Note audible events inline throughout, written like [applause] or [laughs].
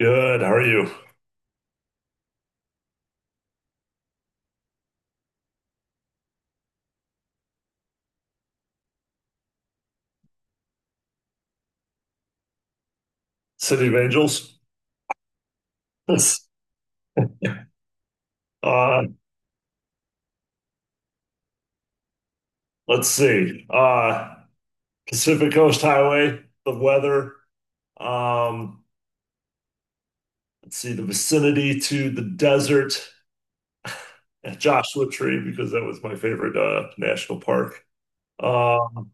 Good. How are you? City of Angels? [laughs] Uh, let's see. Pacific Coast Highway, the weather. Um, let's see, the vicinity to the desert at Joshua Tree, because that was my favorite national park. Um,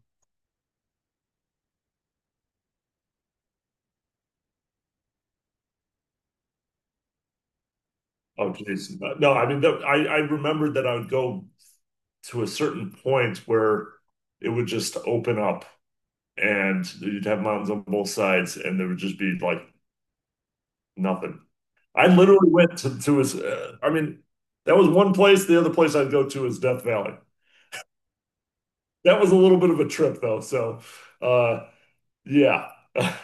oh, geez. No, I mean, I remembered that I would go to a certain point where it would just open up and you'd have mountains on both sides and there would just be like nothing. I literally went to his, I mean, that was one place. The other place I'd go to is Death Valley. That was a little bit of a trip though. So, uh, yeah. [laughs]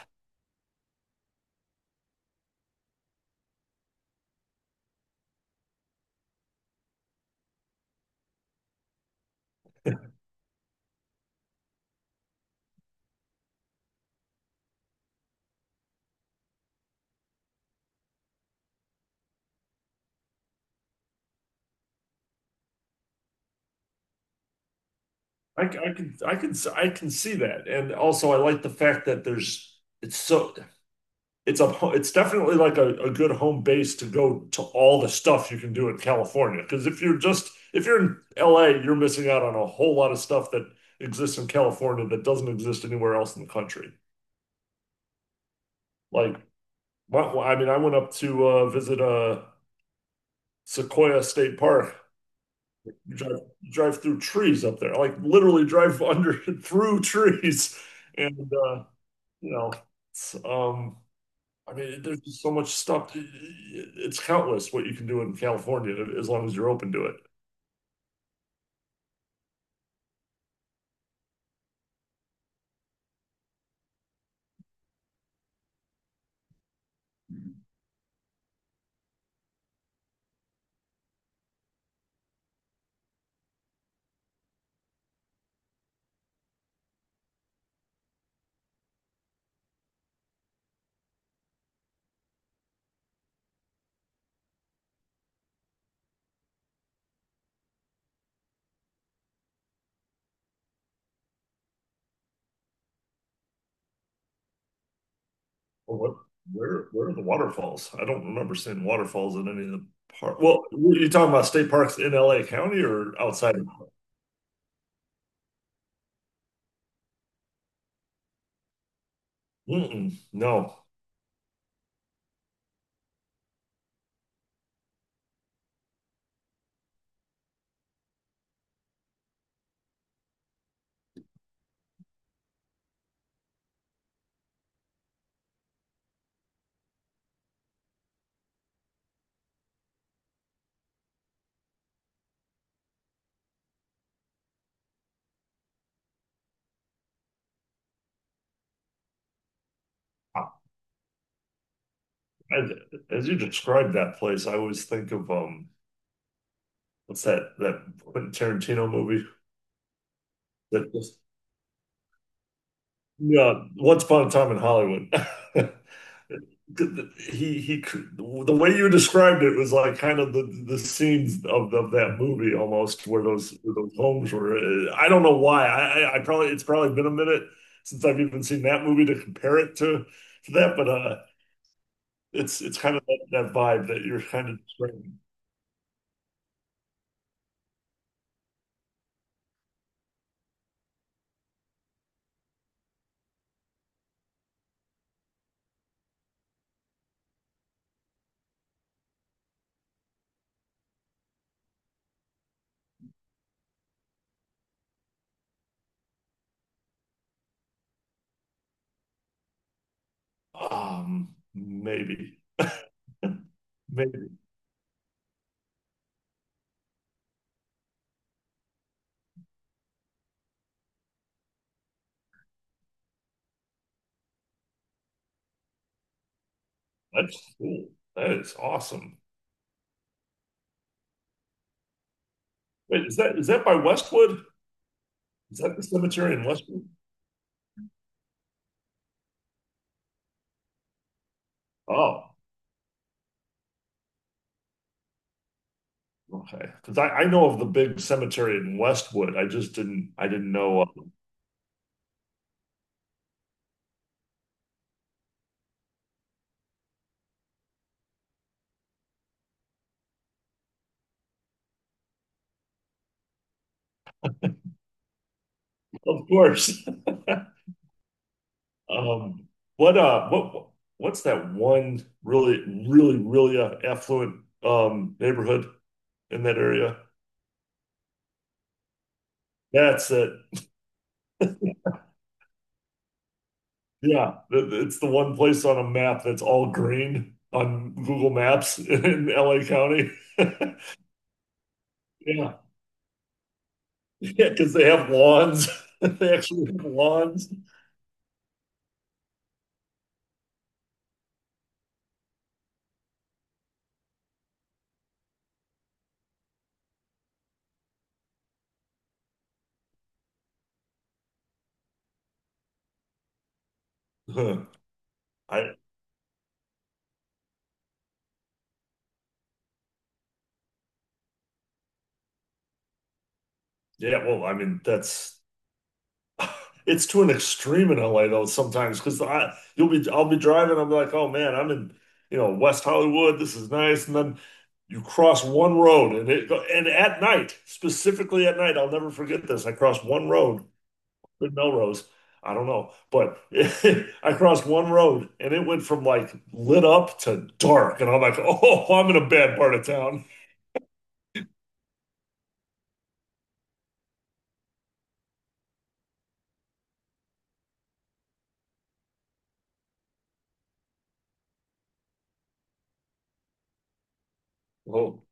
I can see that. And also I like the fact that there's, it's so, it's a, it's definitely like a good home base to go to all the stuff you can do in California. Because if you're in LA, you're missing out on a whole lot of stuff that exists in California that doesn't exist anywhere else in the country. Like, Well, I mean, I went up to visit Sequoia State Park. You drive through trees up there, like literally drive under [laughs] through trees, and you know, it's, um, I mean, there's just so much stuff. It's countless what you can do in California as long as you're open to it. Well, what? Where are the waterfalls? I don't remember seeing waterfalls in any of the park. Well, you talking about state parks in LA County or outside? Mm-mm, no. As, as you describe that place, I always think of what's that Quentin Tarantino movie that just yeah, Once Upon a Time in Hollywood. [laughs] He he, the way you described it was like kind of the scenes of that movie almost where those homes were. I don't know why. I probably it's probably been a minute since I've even seen that movie to compare it to that, but it's kind of that vibe that you're kind of describing. Maybe. Maybe that's cool. That is awesome. Wait, is that by Westwood? Is that the cemetery in Westwood? Oh, okay. Because I know of the big cemetery in Westwood. I didn't know. Of course. [laughs] Um, what what's that one really really really affluent neighborhood in that area? That's it. Yeah, it's the one place on a map that's all green on Google Maps [laughs] in LA County. [laughs] Yeah. [laughs] Yeah, because they have lawns. [laughs] They actually have lawns. Huh. I yeah, well, I mean that's [laughs] it's to an extreme in LA though sometimes because I'll be driving, I'm like, oh man, I'm in West Hollywood, this is nice, and then you cross one road and at night, specifically at night, I'll never forget this. I crossed one road in Melrose. I don't know, but [laughs] I crossed one road and it went from like lit up to dark, and I'm like, oh, I'm in a bad part of town. Oh.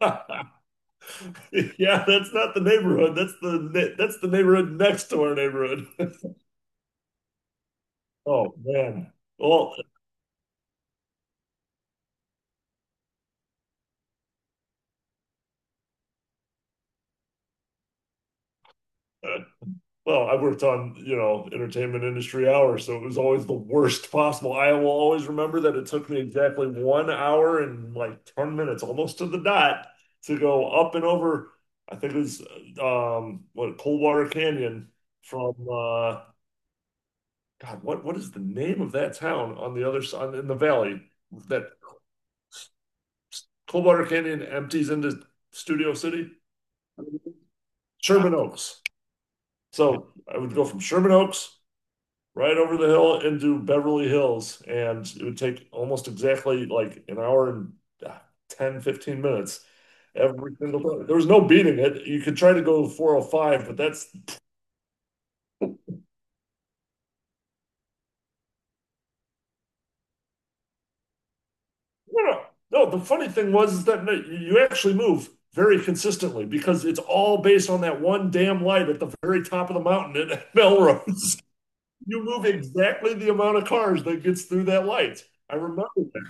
[laughs] Yeah, that's not the neighborhood. That's the neighborhood next to our neighborhood. [laughs] Oh man. Well, uh, well, I worked on, you know, entertainment industry hours, so it was always the worst possible. I will always remember that it took me exactly 1 hour and like 10 minutes, almost to the dot, to go up and over. I think it was what, Coldwater Canyon, from God, what is the name of that town on the other side in the valley? That Cold Canyon empties into Studio City, Sherman Oaks. So I would go from Sherman Oaks right over the hill into Beverly Hills, and it would take almost exactly like an hour and ah, 10, 15 minutes every single time. There was no beating it. You could try to go 405, but that's no, no. No, the funny thing was is that, no, you actually move very consistently because it's all based on that one damn light at the very top of the mountain at [laughs] Melrose. You move exactly the amount of cars that gets through that light. I remember that.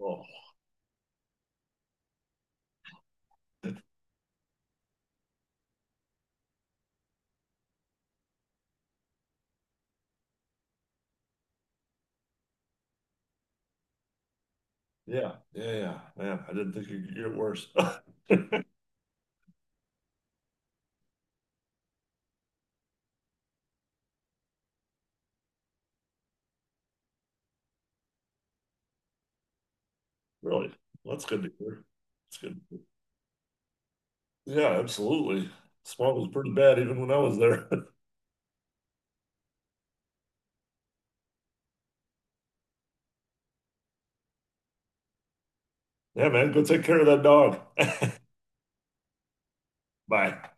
Oh, yeah, yeah, yeah, man. I didn't think it could get worse. [laughs] Really? Well, that's good to hear. That's good. Yeah, absolutely. Smog was pretty bad even when I was there. [laughs] Yeah, man, go take care of that dog. [laughs] Bye.